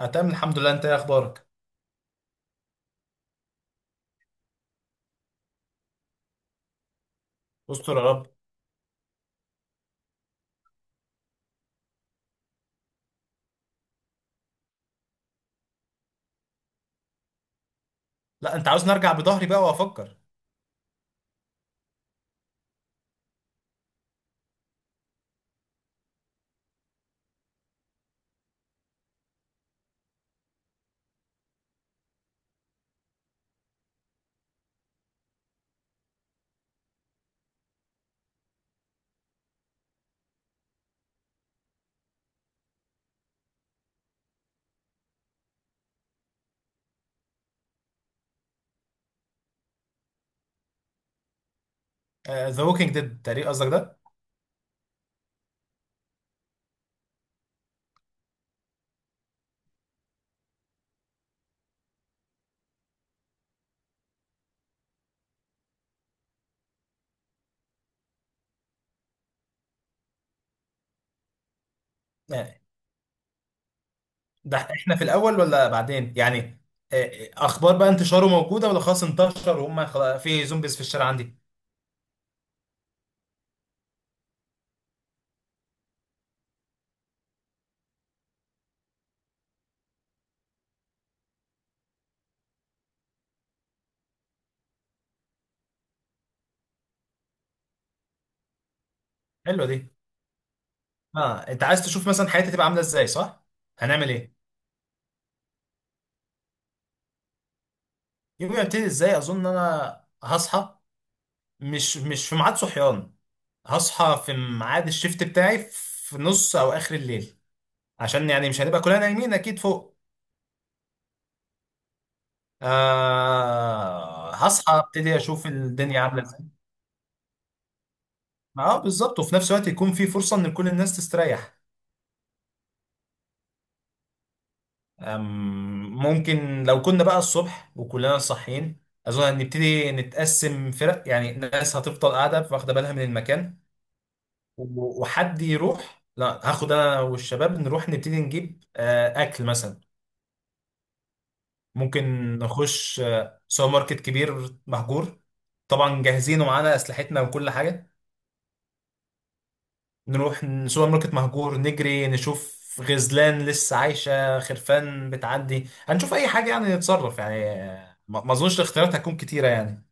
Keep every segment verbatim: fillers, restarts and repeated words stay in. أنا تمام الحمد لله. أنت إيه أخبارك؟ استر يا رب. لا، أنت عاوز نرجع بظهري بقى وأفكر. ذا ووكينج ديد تقريبا قصدك ده؟ آه، ده إحنا في الأول ولا بعدين؟ يعني آه، آه، أخبار بقى انتشاره موجودة، ولا خلاص انتشر وهم خلاص في زومبيز في الشارع عندي؟ حلوة دي. أه، أنت عايز تشوف مثلا حياتي تبقى عاملة إزاي، صح؟ هنعمل إيه؟ يومي هيبتدي إزاي؟ أظن إن أنا هصحى مش مش في ميعاد صحيان، هصحى في ميعاد الشيفت بتاعي في نص أو آخر الليل، عشان يعني مش هنبقى كلنا نايمين أكيد فوق. آه هصحى، ابتدي اشوف الدنيا عامله ازاي. اه، بالظبط، وفي نفس الوقت يكون في فرصه ان كل الناس تستريح. آم، ممكن لو كنا بقى الصبح وكلنا صاحيين، اظن ان نبتدي نتقسم فرق، يعني ناس هتفضل قاعده واخده بالها من المكان، و- وحد يروح، لا هاخد انا والشباب نروح نبتدي نجيب آه اكل مثلا، ممكن نخش آه سوبر ماركت كبير مهجور، طبعا جاهزين ومعانا اسلحتنا وكل حاجه، نروح ن- سوبر ماركت مهجور، نجري نشوف غزلان لسه عايشة، خرفان بتعدي، هنشوف أي حاجة يعني نتصرف يعني. ما ما أظنش الاختيارات هتكون كتيرة يعني،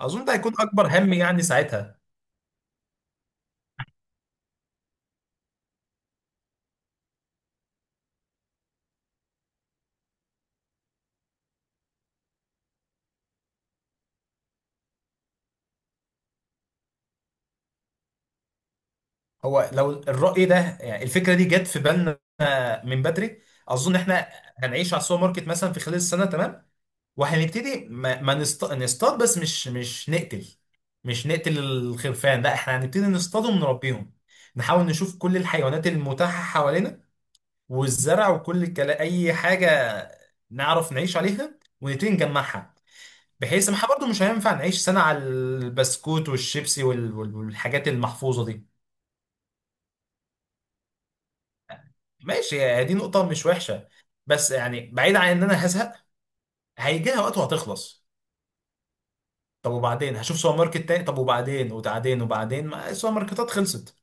أظن ده هيكون أكبر هم يعني ساعتها. هو لو الرأي ده، يعني الفكرة دي جت في بالنا من بدري، أظن إحنا هنعيش على السوبر ماركت مثلا في خلال السنة، تمام، وهنبتدي ما, ما نست... نصطاد، بس مش مش نقتل، مش نقتل الخرفان، لا إحنا هنبتدي نصطادهم ونربيهم، نحاول نشوف كل الحيوانات المتاحة حوالينا والزرع وكل الكلام، اي حاجه نعرف نعيش عليها ونبتدي نجمعها، بحيث ما احنا برضه مش هينفع نعيش سنه على البسكوت والشيبسي وال- وال- والحاجات المحفوظه دي. ماشي، هي دي نقطه مش وحشه، بس يعني بعيد عن ان انا هزهق، هيجيها وقت وهتخلص، طب وبعدين هشوف سوبر ماركت تاني، طب وبعدين وبعدين وبعدين ما السوبر ماركتات خلصت،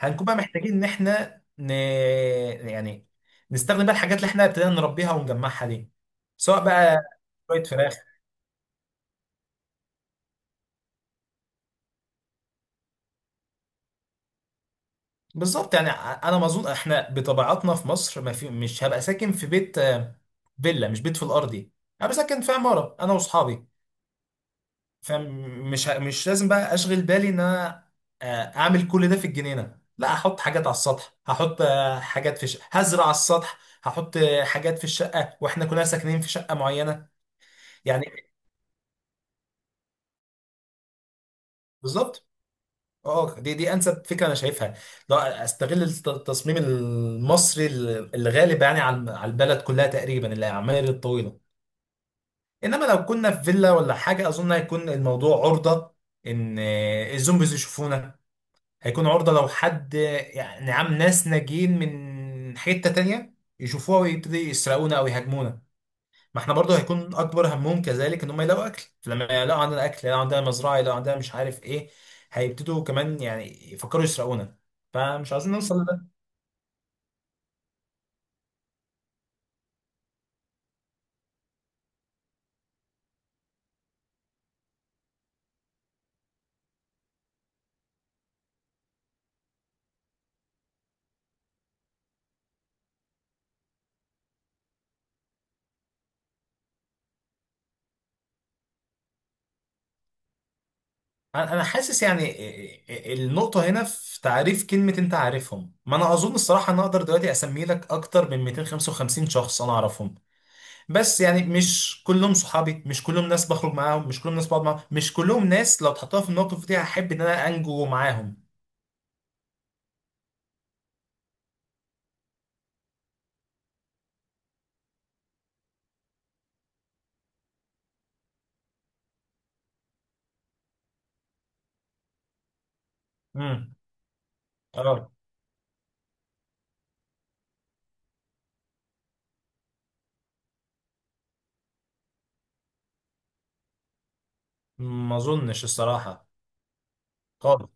هنكون بقى محتاجين ان احنا ن... يعني نستخدم بقى الحاجات اللي احنا ابتدينا نربيها ونجمعها دي، سواء بقى شويه فراخ. بالظبط، يعني ع- انا ما اظن احنا بطبيعتنا في مصر، ما في، مش هبقى ساكن في بيت، آه، فيلا مش بيت في الارضي، هبقى ساكن في عماره انا واصحابي، فمش ه- مش لازم بقى اشغل بالي ان انا آه، اعمل كل ده في الجنينه، لا هحط حاجات على السطح، هحط آه، حاجات في ش... هزرع على السطح، هحط آه، حاجات في الشقه واحنا كلنا ساكنين في شقه معينه، يعني بالظبط. اه، دي دي انسب فكره انا شايفها، لا استغل الت- التصميم المصري اللي غالب يعني على على البلد كلها تقريبا، العماير الطويله، انما لو كنا في فيلا ولا حاجه اظن هيكون الموضوع عرضه ان آه، الزومبيز يشوفونا، هيكون عرضه لو حد آه، يعني عام، ناس ناجين من حته تانية يشوفوها ويبتدي يسرقونا او يهاجمونا. ما احنا برضو هيكون اكبر همهم كذلك ان هم يلاقوا اكل، لما يلاقوا عندنا اكل، يلاقوا عندنا مزرعه، يلاقوا عندنا مش عارف ايه، هيبتدوا كمان يعني يفكروا يسرقونا، فمش عاوزين نوصل لده. انا أنا حاسس يعني إيه- إيه- النقطه هنا في تعريف كلمه انت عارفهم. ما انا اظن الصراحه ان اقدر دلوقتي اسمي لك اكتر من مئتين وخمسة وخمسين شخص انا اعرفهم، بس يعني مش كلهم صحابي، مش كلهم ناس بخرج معاهم، مش كلهم ناس بقعد معاهم، مش كلهم ناس لو اتحطها في الموقف دي هحب ان انا انجو معاهم. امم. اه، ما اظنش الصراحه. خالص.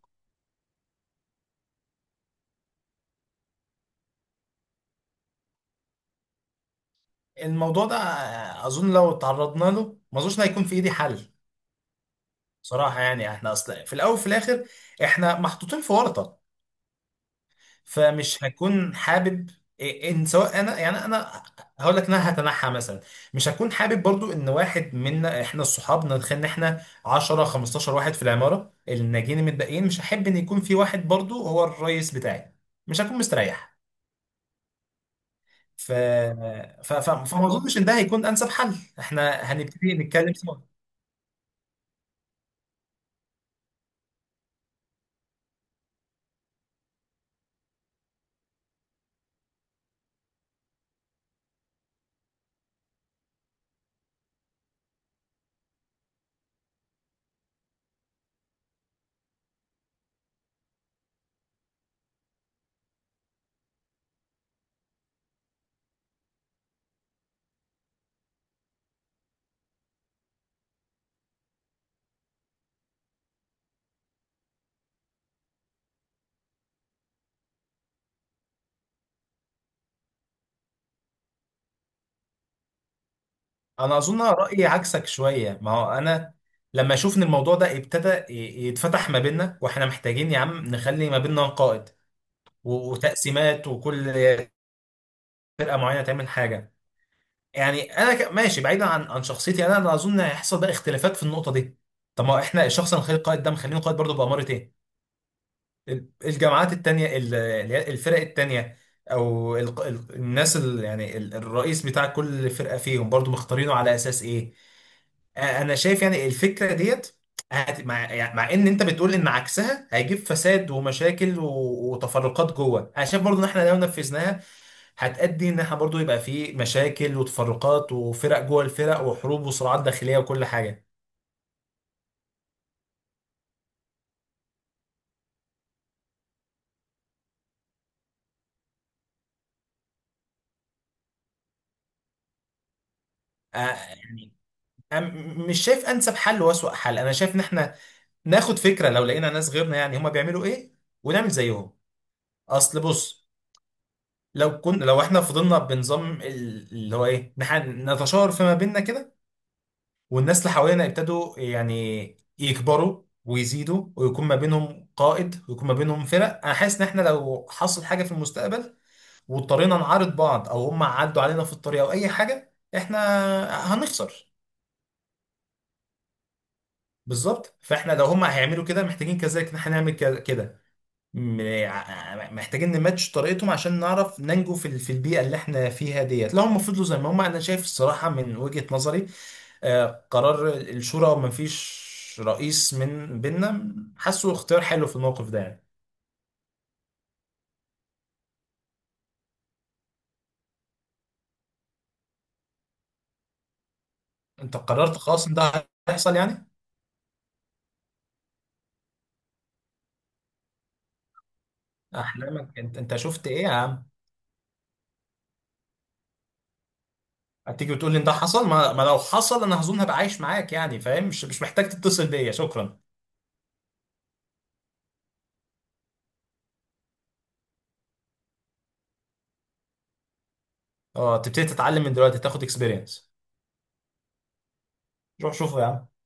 الموضوع ده، اظن لو تعرضنا له ما اظنش إن هيكون في ايدي حل، صراحه، يعني احنا اصلا في الاول وفي الاخر احنا محطوطين في ورطه، فمش هكون حابب إيه- ان سواء انا يعني انا هقول لك إن انا هتنحى مثلا، مش هكون حابب برضو ان واحد منا احنا الصحاب، نتخيل ان احنا عشرة خمستاشر واحد في العماره الناجين المتبقيين، مش هحب ان يكون في واحد برضو هو الرئيس بتاعي، مش هكون مستريح. ف... ف... ف... فما اظنش ان ده هيكون انسب حل، احنا هنبتدي نتكلم سوا. انا اظن أنا رايي عكسك شويه، ما هو انا، لما اشوف ان الموضوع ده ابتدى ي- يتفتح ما بيننا، واحنا محتاجين يا عم نخلي ما بيننا قائد و- وتقسيمات، وكل فرقه معينه تعمل حاجه، يعني انا ك- ماشي بعيدا عن عن شخصيتي، انا انا اظن هيحصل بقى اختلافات في النقطه دي. طب ما هو احنا الشخص اللي نخليه قائد ده مخلينه قائد برضه باماره ايه؟ الجامعات التانية ال- اللي هي الفرق التانية، او ال- ال- الناس ال- يعني ال- الرئيس بتاع كل فرقة فيهم برضو مختارينه على اساس ايه؟ آه، انا شايف يعني الفكرة ديت هت- مع، يعني مع ان انت بتقول ان عكسها هيجيب فساد ومشاكل و- وتفرقات جوه، انا شايف برضو ان احنا لو نفذناها هتأدي ان احنا برضو يبقى في مشاكل وتفرقات وفرق جوه الفرق وحروب وصراعات داخلية وكل حاجة. آه، يعني أنا م- مش شايف انسب حل واسوأ حل، انا شايف ان احنا ناخد فكره لو لقينا ناس غيرنا يعني هما بيعملوا ايه ونعمل زيهم. اصل بص، لو كنا لو احنا فضلنا بنظام ال- اللي هو ايه نح- نتشاور فيما بيننا كده، والناس اللي حوالينا يبتدوا يعني يكبروا ويزيدوا، ويكون ما بينهم قائد، ويكون ما بينهم فرق، انا حاسس ان احنا لو حصل حاجه في المستقبل واضطرينا نعارض بعض او هم عدوا علينا في الطريق او اي حاجه، احنا هنخسر. بالظبط، فاحنا لو هم هيعملوا كده محتاجين كذلك ان احنا نعمل كده، م- ع- محتاجين نماتش طريقتهم عشان نعرف ننجو في ال- في البيئه اللي احنا فيها ديت، لو هم فضلوا زي ما هم. انا شايف الصراحه من وجهه نظري، آه، قرار الشورى وما فيش رئيس من بيننا، حاسه اختيار حلو في الموقف ده يعني. انت قررت خلاص ان ده هيحصل يعني؟ احلامك انت انت شفت ايه يا عم؟ هتيجي وتقول لي ان ده حصل؟ ما, ما لو حصل انا هظن هبقى عايش معاك يعني، فاهم؟ مش مش محتاج تتصل بيا، شكرا. اه، تبتدي تتعلم من دلوقتي، تاخد اكسبيرينس. روح شوفه يا عم.